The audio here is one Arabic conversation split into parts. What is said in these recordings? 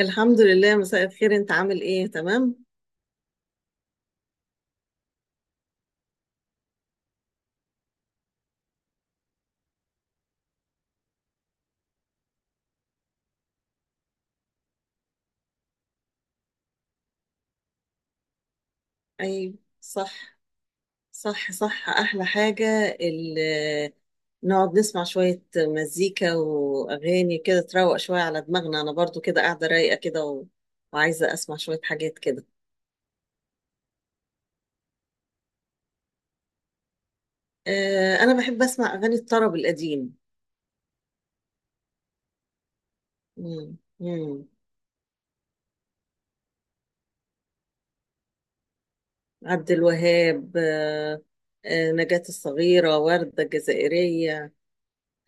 الحمد لله. مساء الخير، انت عامل ايه؟ تمام. اي. صح، صح، صح. احلى حاجة. ال- نقعد نسمع شوية مزيكا واغاني كده، تروق شوية على دماغنا. انا برضو كده قاعدة رايقة كده وعايزة اسمع شوية حاجات كده. اه، انا بحب اسمع اغاني الطرب القديم. مم. مم. عبد الوهاب، اه. نجاة الصغيرة، وردة الجزائرية.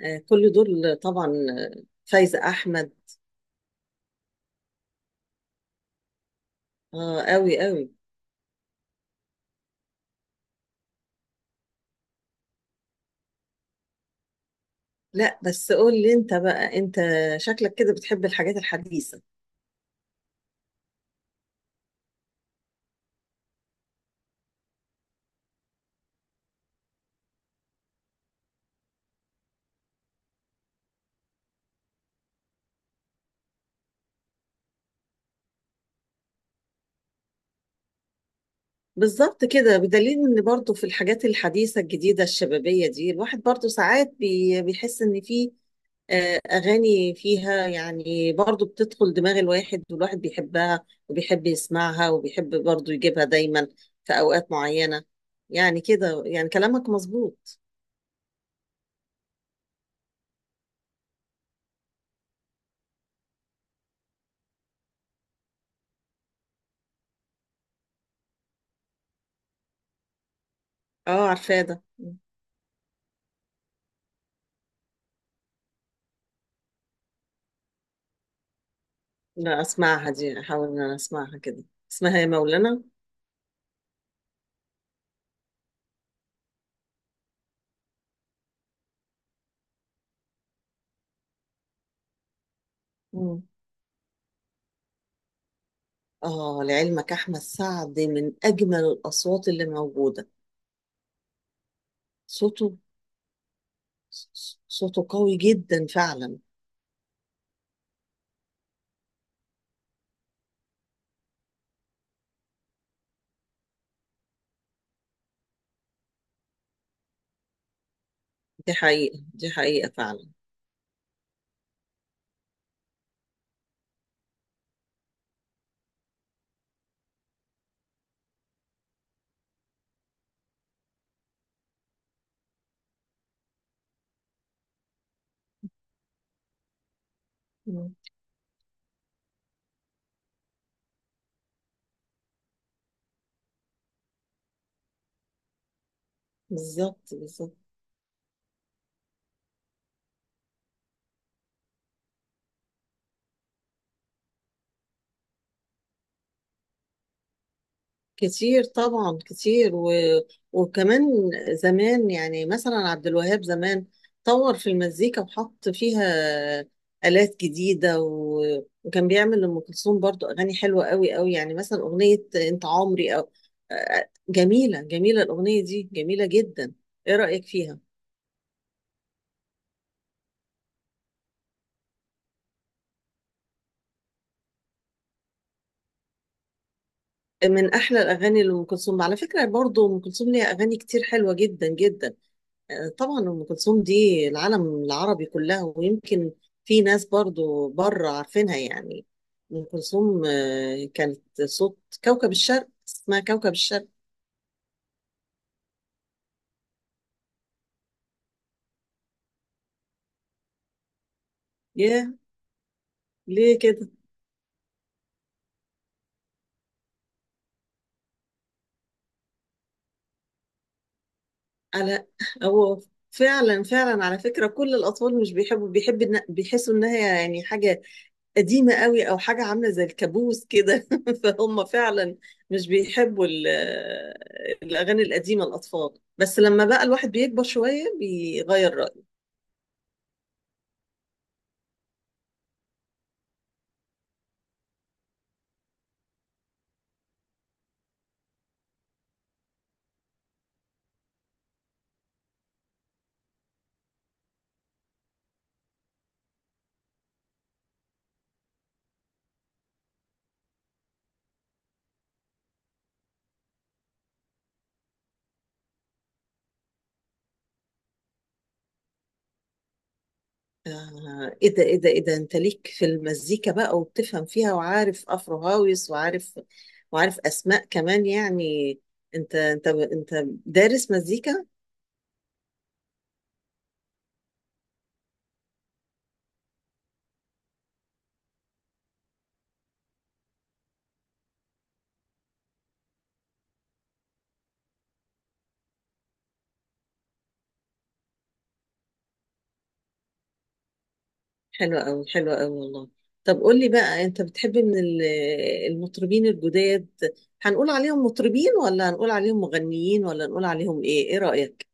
اه، كل دول طبعا. فايزة احمد. اه، قوي قوي. لا، بس قول لي انت بقى. انت شكلك كده بتحب الحاجات الحديثة. بالظبط كده، بدليل ان برضو في الحاجات الحديثة الجديدة الشبابية دي الواحد برضو ساعات بيحس ان في اغاني فيها، يعني برضو بتدخل دماغ الواحد، والواحد بيحبها وبيحب يسمعها وبيحب برضو يجيبها دايما في اوقات معينة. يعني كده، يعني كلامك مظبوط. اه، عارفاه ده. لا اسمعها دي، احاول ان انا اسمعها كده. اسمها يا مولانا. آه، لعلمك أحمد سعد من أجمل الأصوات اللي موجودة. صوته. صوته قوي جدا فعلا. دي حقيقة، دي حقيقة فعلا. مم. بالظبط، بالظبط. كتير طبعا، كتير وكمان زمان، يعني مثلا عبد الوهاب زمان طور في المزيكا وحط فيها آلات جديدة، وكان بيعمل لأم كلثوم برضو أغاني حلوة قوي قوي. يعني مثلا أغنية أنت عمري، أو جميلة، جميلة الأغنية دي، جميلة جدا. إيه رأيك فيها؟ من أحلى الأغاني لأم كلثوم على فكرة. برضو أم كلثوم ليها أغاني كتير حلوة جدا جدا. طبعا ام كلثوم دي العالم العربي كلها، ويمكن في ناس برضو بره عارفينها يعني. ام كلثوم كانت صوت. كوكب الشرق، اسمها كوكب الشرق. ياه، ليه كده؟ على هو. فعلا، فعلا، على فكرة كل الأطفال مش بيحبوا، بيحسوا إنها يعني حاجة قديمة قوي، أو حاجة عاملة زي الكابوس كده فهم فعلا مش بيحبوا الأغاني القديمة، الأطفال. بس لما بقى الواحد بيكبر شوية بيغير رأيه. ايه ده، ايه ده، ايه ده! انت ليك في المزيكا بقى وبتفهم فيها، وعارف افرو هاويس، وعارف اسماء كمان يعني. انت دارس مزيكا؟ حلوة قوي، حلوة قوي والله. طب قول لي بقى، انت بتحب من المطربين الجداد، هنقول عليهم مطربين، ولا هنقول عليهم مغنيين، ولا نقول عليهم ايه؟ ايه رأيك؟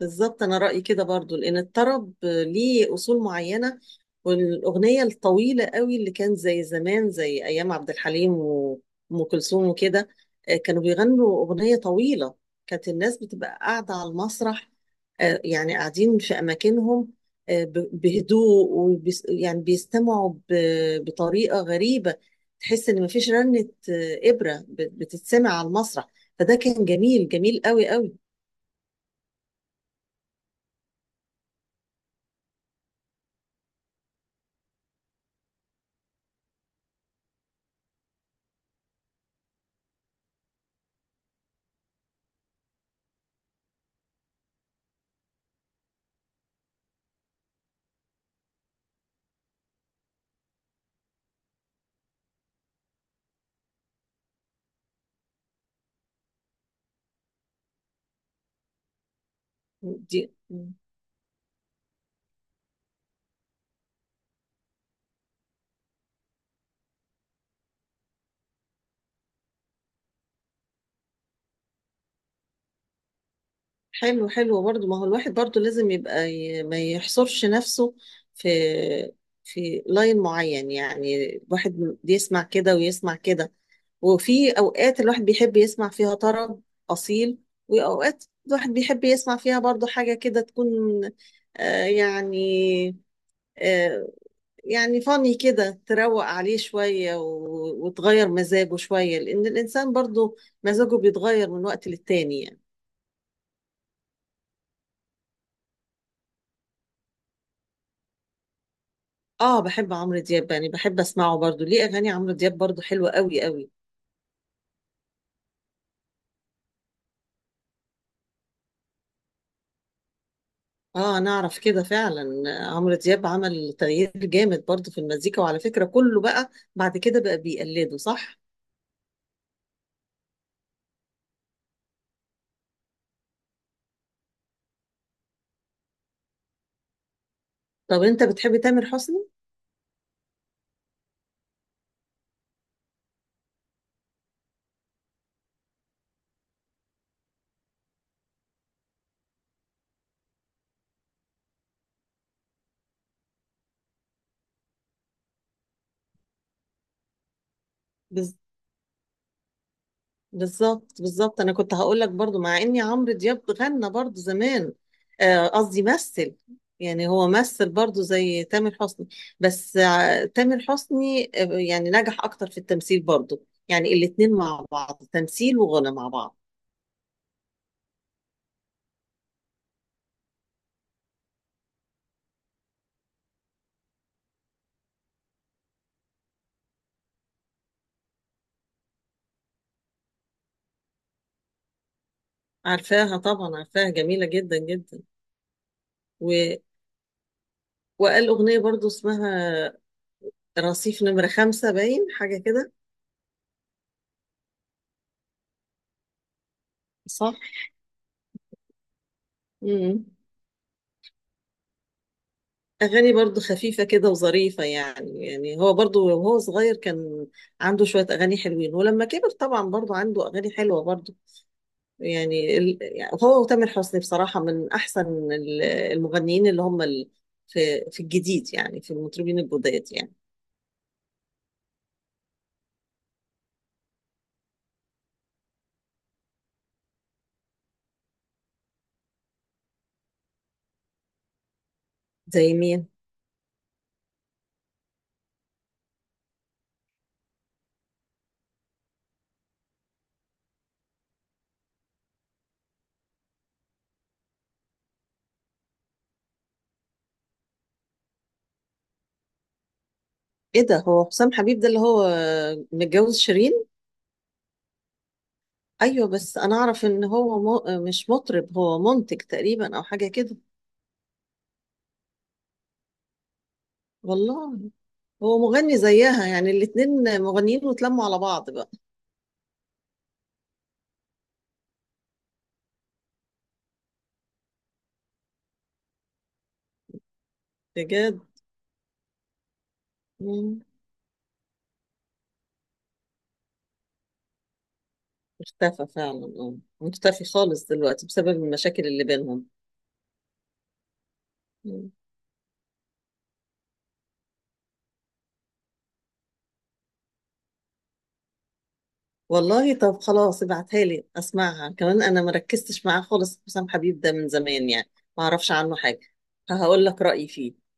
بالظبط، انا رايي كده برضو لان الطرب ليه اصول معينه، والاغنيه الطويله قوي اللي كانت زي زمان، زي ايام عبد الحليم وام كلثوم وكده. كانوا بيغنوا اغنيه طويله، كانت الناس بتبقى قاعده على المسرح، يعني قاعدين في اماكنهم، بهدوء وبيس، يعني بيستمعوا بطريقه غريبه، تحس ان مفيش رنه ابره بتتسمع على المسرح. فده كان جميل، جميل قوي قوي. دي حلو، حلو برضو، ما هو الواحد برضو لازم يبقى ما يحصرش نفسه في لاين معين، يعني الواحد بيسمع كده ويسمع كده، وفي اوقات الواحد بيحب يسمع فيها طرب اصيل، واوقات الواحد بيحب يسمع فيها برضو حاجة كده تكون، يعني آه يعني فاني كده تروق عليه شوية، وتغير مزاجه شوية، لأن الإنسان برضو مزاجه بيتغير من وقت للتاني يعني. اه، بحب عمرو دياب يعني، بحب اسمعه برضو، ليه اغاني عمرو دياب برضو حلوة قوي قوي. اه، انا اعرف كده فعلا. عمرو دياب عمل تغيير جامد برضو في المزيكا، وعلى فكرة كله بقى بعد كده بقى بيقلده، صح. طب انت بتحب تامر حسني؟ بالظبط، بالظبط. انا كنت هقول لك برضو مع اني عمرو دياب غنى برضو زمان، قصدي مثل، يعني هو مثل برضو زي تامر حسني. بس تامر حسني يعني نجح اكتر في التمثيل برضو، يعني الاتنين مع بعض تمثيل وغنى مع بعض. عارفاها طبعا، عارفاها، جميلة جدا جدا. و... وقال اغنية برضو اسمها رصيف نمرة خمسة باين، حاجة كده. صح؟ مم. أغاني برضو خفيفة كده وظريفة يعني. يعني هو برضو وهو صغير كان عنده شوية أغاني حلوين، ولما كبر طبعا برضو عنده أغاني حلوة برضو. يعني يعني هو وتامر حسني بصراحة من أحسن المغنيين، اللي هم في الجديد، يعني في المطربين الجداد يعني. زي مين؟ إيه ده، هو حسام حبيب ده اللي هو متجوز شيرين؟ أيوه، بس أنا أعرف إن هو مش مطرب، هو منتج تقريبا أو حاجة كده. والله. هو مغني زيها، يعني الاتنين مغنيين واتلموا على بعض بقى. بجد؟ مم. اختفى فعلا، اه. مختفي خالص دلوقتي بسبب المشاكل اللي بينهم. مم. والله، طب خلاص ابعتها لي اسمعها كمان، انا ما ركزتش معاه خالص. حسام حبيب ده من زمان يعني، ما اعرفش عنه حاجة. هقول لك رأيي فيه.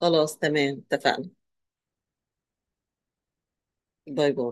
خلاص تمام، اتفقنا. باي باي.